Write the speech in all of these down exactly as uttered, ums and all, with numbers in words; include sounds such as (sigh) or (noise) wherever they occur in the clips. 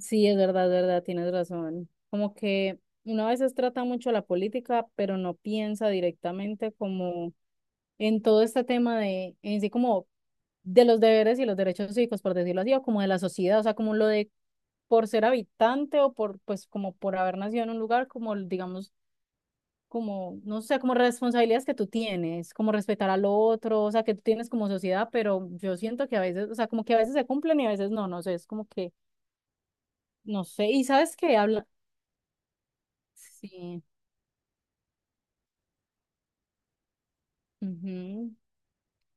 Sí, es verdad, es verdad, tienes razón. Como que uno a veces trata mucho la política, pero no piensa directamente como en todo este tema de, en sí como de los deberes y los derechos cívicos, por decirlo así, o como de la sociedad, o sea, como lo de por ser habitante o por, pues, como por haber nacido en un lugar, como, digamos, como, no sé, como responsabilidades que tú tienes, como respetar al otro, o sea, que tú tienes como sociedad, pero yo siento que a veces, o sea, como que a veces se cumplen y a veces no, no sé, es como que, no sé, y sabes que sí. Ujú.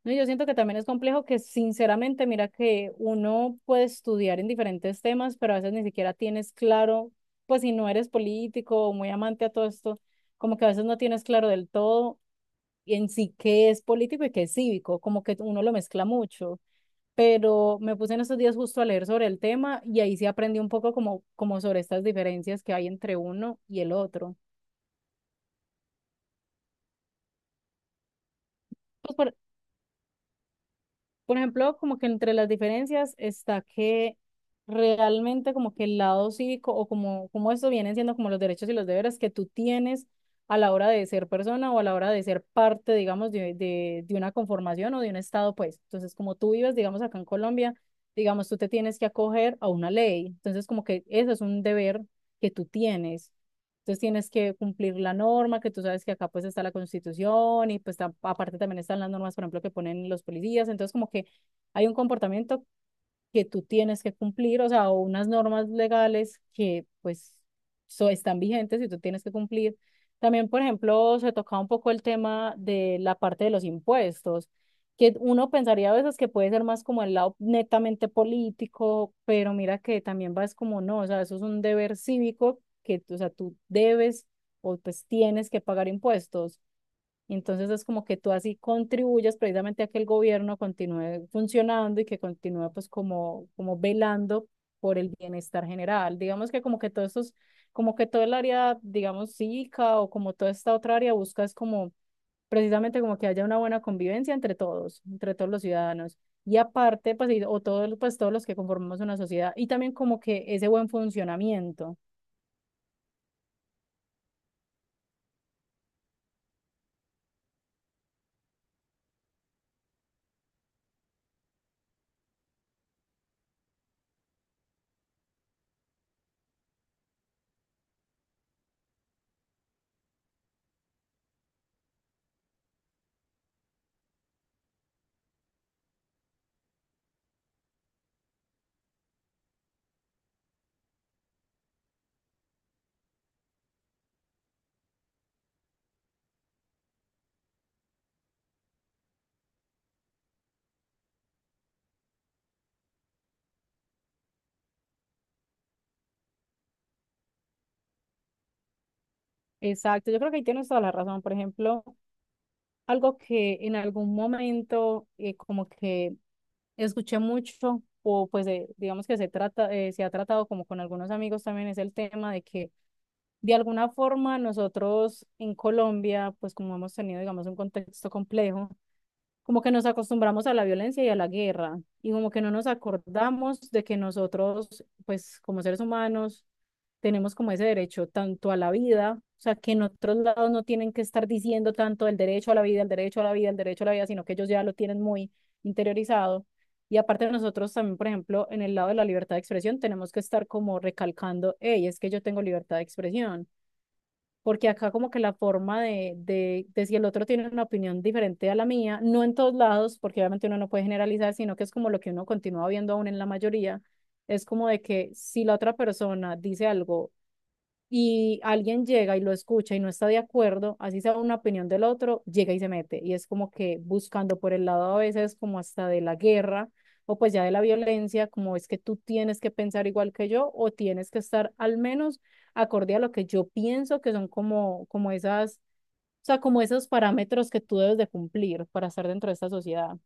No, yo siento que también es complejo que sinceramente, mira que uno puede estudiar en diferentes temas, pero a veces ni siquiera tienes claro, pues si no eres político o muy amante a todo esto, como que a veces no tienes claro del todo en sí qué es político y qué es cívico, como que uno lo mezcla mucho. Pero me puse en estos días justo a leer sobre el tema y ahí sí aprendí un poco como, como sobre estas diferencias que hay entre uno y el otro. Pues por- Por ejemplo, como que entre las diferencias está que realmente como que el lado cívico o como, como esto vienen siendo como los derechos y los deberes que tú tienes a la hora de ser persona o a la hora de ser parte, digamos, de, de, de una conformación o de un estado, pues. Entonces, como tú vives, digamos, acá en Colombia, digamos, tú te tienes que acoger a una ley. Entonces, como que eso es un deber que tú tienes. Entonces tienes que cumplir la norma, que tú sabes que acá pues está la Constitución y pues tam- aparte también están las normas, por ejemplo, que ponen los policías. Entonces como que hay un comportamiento que tú tienes que cumplir, o sea, o unas normas legales que pues so, están vigentes y tú tienes que cumplir. También, por ejemplo, se tocaba un poco el tema de la parte de los impuestos, que uno pensaría a veces que puede ser más como el lado netamente político, pero mira que también va es como no, o sea, eso es un deber cívico que, o sea, tú debes o pues tienes que pagar impuestos. Entonces es como que tú así contribuyes precisamente a que el gobierno continúe funcionando y que continúe pues como, como velando por el bienestar general. Digamos que como que todos estos, como que todo el área, digamos, cívica o como toda esta otra área busca es como precisamente como que haya una buena convivencia entre todos, entre todos los ciudadanos. Y aparte, pues, y- o todos, pues, todos los que conformamos una sociedad y también como que ese buen funcionamiento. Exacto, yo creo que ahí tienes toda la razón. Por ejemplo, algo que en algún momento eh, como que escuché mucho, o pues de- digamos que se trata, eh, se ha tratado como con algunos amigos también, es el tema de que de alguna forma nosotros en Colombia, pues como hemos tenido, digamos, un contexto complejo, como que nos acostumbramos a la violencia y a la guerra, y como que no nos acordamos de que nosotros, pues como seres humanos, tenemos como ese derecho tanto a la vida, o sea, que en otros lados no tienen que estar diciendo tanto el derecho a la vida, el derecho a la vida, el derecho a la vida, sino que ellos ya lo tienen muy interiorizado. Y aparte de nosotros también, por ejemplo, en el lado de la libertad de expresión, tenemos que estar como recalcando, hey, es que yo tengo libertad de expresión porque acá como que la forma de, de, de si el otro tiene una opinión diferente a la mía, no en todos lados, porque obviamente uno no puede generalizar, sino que es como lo que uno continúa viendo aún en la mayoría, es como de que si la otra persona dice algo y alguien llega y lo escucha y no está de acuerdo, así sea una opinión del otro, llega y se mete. Y es como que buscando por el lado a veces como hasta de la guerra o pues ya de la violencia, como es que tú tienes que pensar igual que yo o tienes que estar al menos acorde a lo que yo pienso que son como, como esas, o sea, como esos parámetros que tú debes de cumplir para estar dentro de esta sociedad.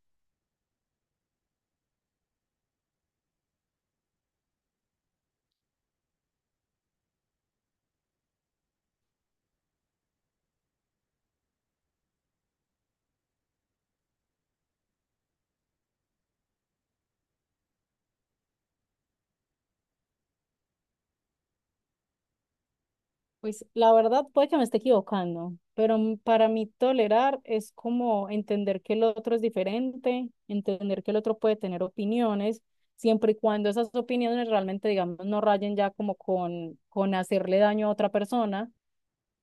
Pues la verdad puede que me esté equivocando, pero m- para mí tolerar es como entender que el otro es diferente, entender que el otro puede tener opiniones, siempre y cuando esas opiniones realmente, digamos, no rayen ya como con, con hacerle daño a otra persona,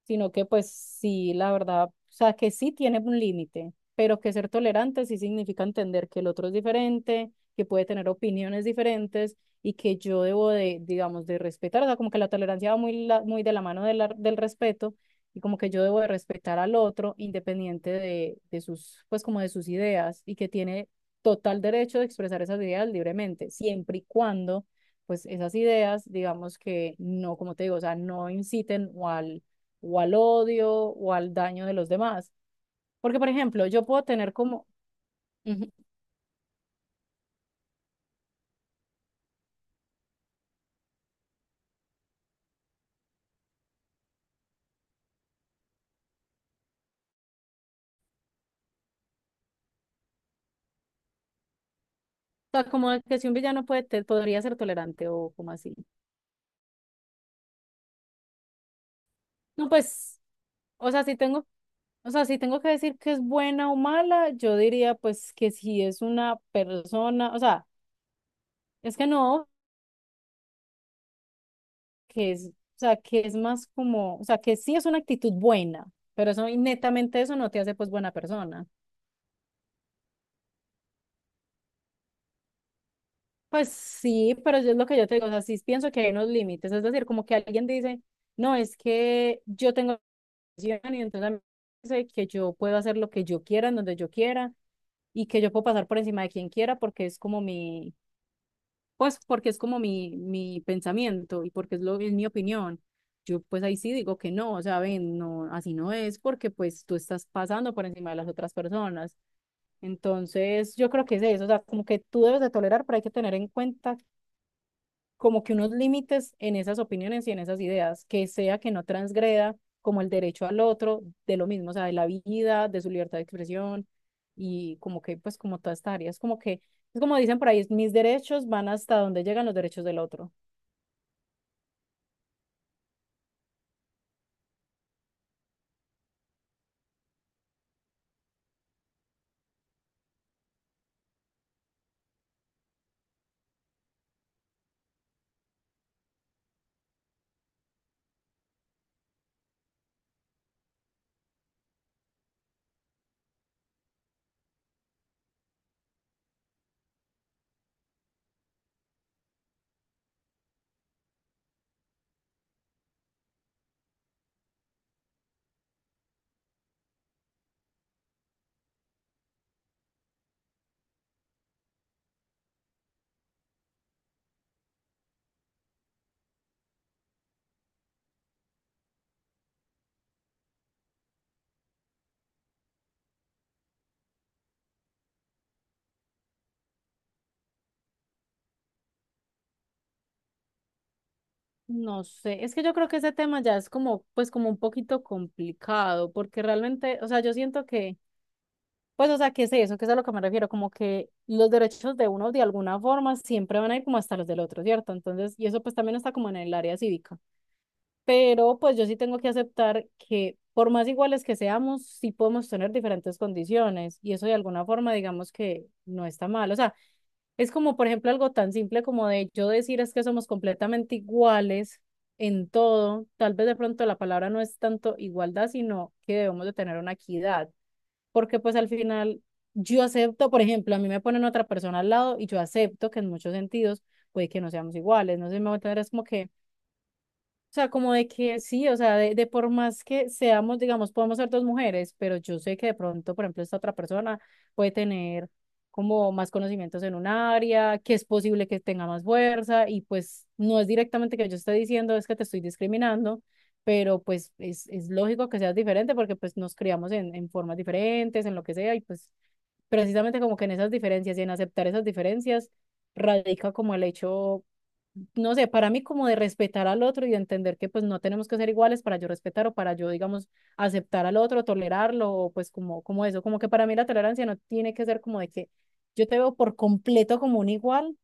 sino que pues sí, la verdad, o sea, que sí tiene un límite, pero que ser tolerante sí significa entender que el otro es diferente, que puede tener opiniones diferentes y que yo debo de, digamos, de respetar, o sea, como que la tolerancia va muy, la- muy de la mano de la- del respeto y como que yo debo de respetar al otro independiente de, de sus, pues como de sus ideas y que tiene total derecho de expresar esas ideas libremente, siempre y cuando, pues esas ideas, digamos que no, como te digo, o sea, no inciten o al o al odio o al daño de los demás. Porque, por ejemplo, yo puedo tener como, ujú. O sea, como que si un villano puede, te- podría ser tolerante o como así. No, pues, o sea, si tengo, o sea, si tengo que decir que es buena o mala, yo diría pues que si es una persona, o sea, es que no, que es, o sea, que es más como, o sea, que sí es una actitud buena, pero eso y netamente eso no te hace pues buena persona. Pues sí, pero yo es lo que yo te digo, o sea, sí pienso que hay unos límites, es decir, como que alguien dice, no, es que yo tengo depresión y entonces a mí me dice que yo puedo hacer lo que yo quiera, en donde yo quiera, y que yo puedo pasar por encima de quien quiera porque es como mi, pues porque es como mi, mi pensamiento y porque es lo, es mi opinión. Yo pues ahí sí digo que no, o sea, ven, no, así no es porque pues tú estás pasando por encima de las otras personas. Entonces, yo creo que es eso, o sea, como que tú debes de tolerar, pero hay que tener en cuenta como que unos límites en esas opiniones y en esas ideas, que sea que no transgreda como el derecho al otro, de lo mismo, o sea, de la vida, de su libertad de expresión y como que, pues, como toda esta área, es como que, es como dicen por ahí, mis derechos van hasta donde llegan los derechos del otro. No sé, es que yo creo que ese tema ya es como, pues, como un poquito complicado, porque realmente, o sea, yo siento que pues, o sea, ¿qué es eso? ¿Qué es a lo que me refiero? Como que los derechos de uno de alguna forma siempre van a ir como hasta los del otro, ¿cierto? Entonces, y eso pues también está como en el área cívica. Pero pues yo sí tengo que aceptar que por más iguales que seamos, sí podemos tener diferentes condiciones y eso de alguna forma digamos que no está mal. O sea, es como por ejemplo algo tan simple como de yo decir es que somos completamente iguales en todo. Tal vez de pronto la palabra no es tanto igualdad, sino que debemos de tener una equidad porque pues al final yo acepto, por ejemplo, a mí me ponen otra persona al lado y yo acepto que en muchos sentidos puede que no seamos iguales, no sé si me voy a entender, es como que o sea, como de que sí, o sea, de, de por más que seamos, digamos, podemos ser dos mujeres, pero yo sé que de pronto, por ejemplo, esta otra persona puede tener como más conocimientos en un área, que es posible que tenga más fuerza y pues no es directamente que yo esté diciendo es que te estoy discriminando, pero pues es, es lógico que seas diferente porque pues nos criamos en, en formas diferentes, en lo que sea y pues precisamente como que en esas diferencias y en aceptar esas diferencias radica como el hecho, no sé, para mí como de respetar al otro y de entender que pues no tenemos que ser iguales para yo respetar o para yo, digamos, aceptar al otro, tolerarlo, o pues como, como eso, como que para mí la tolerancia no tiene que ser como de que yo te veo por completo como un igual,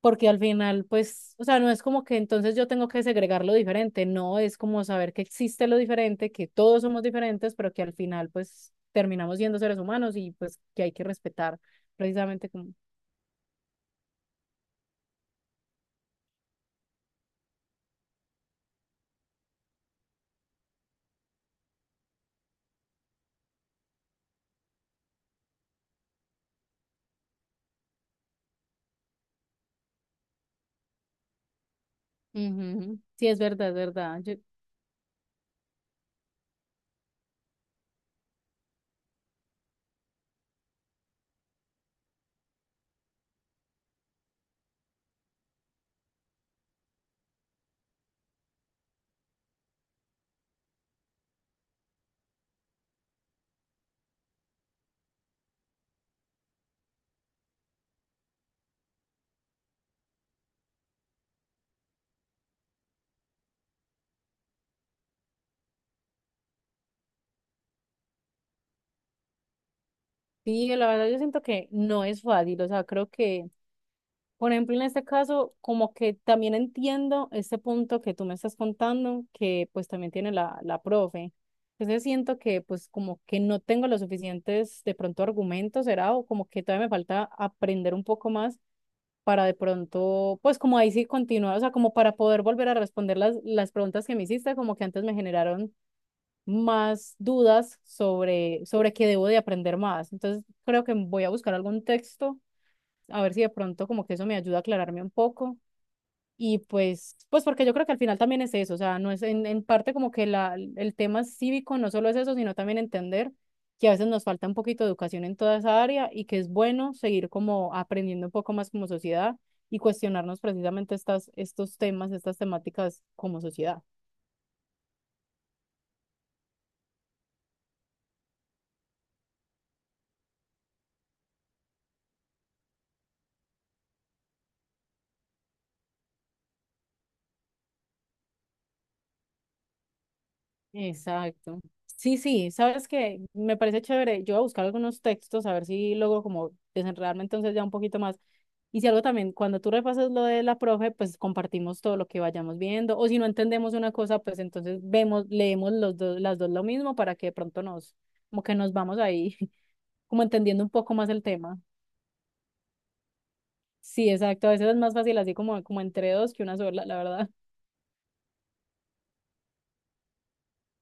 porque al final pues, o sea, no es como que entonces yo tengo que segregar lo diferente, no, es como saber que existe lo diferente, que todos somos diferentes, pero que al final pues terminamos siendo seres humanos y pues que hay que respetar precisamente como... Ujú. Sí, es verdad, es verdad. Yo, sí, la verdad yo siento que no es fácil, o sea, creo que, por ejemplo, en este caso, como que también entiendo este punto que tú me estás contando, que pues también tiene la, la profe. Entonces siento que pues como que no tengo los suficientes de pronto argumentos, será, o como que todavía me falta aprender un poco más para de pronto, pues como ahí sí continuar, o sea, como para poder volver a responder las, las preguntas que me hiciste, como que antes me generaron más dudas sobre, sobre qué debo de aprender más. Entonces, creo que voy a buscar algún texto, a ver si de pronto como que eso me ayuda a aclararme un poco. Y pues, pues porque yo creo que al final también es eso, o sea, no es en, en parte como que la, el tema cívico no solo es eso, sino también entender que a veces nos falta un poquito de educación en toda esa área y que es bueno seguir como aprendiendo un poco más como sociedad y cuestionarnos precisamente estas, estos temas, estas temáticas como sociedad. Exacto. Sí, sí, sabes que me parece chévere. Yo voy a buscar algunos textos a ver si logro como desenredarme entonces ya un poquito más. Y si algo también, cuando tú repases lo de la profe, pues compartimos todo lo que vayamos viendo. O si no entendemos una cosa, pues entonces vemos, leemos los dos, las dos lo mismo para que de pronto nos, como que nos vamos ahí, (laughs) como entendiendo un poco más el tema. Sí, exacto. A veces es más fácil así como, como entre dos que una sola, la verdad.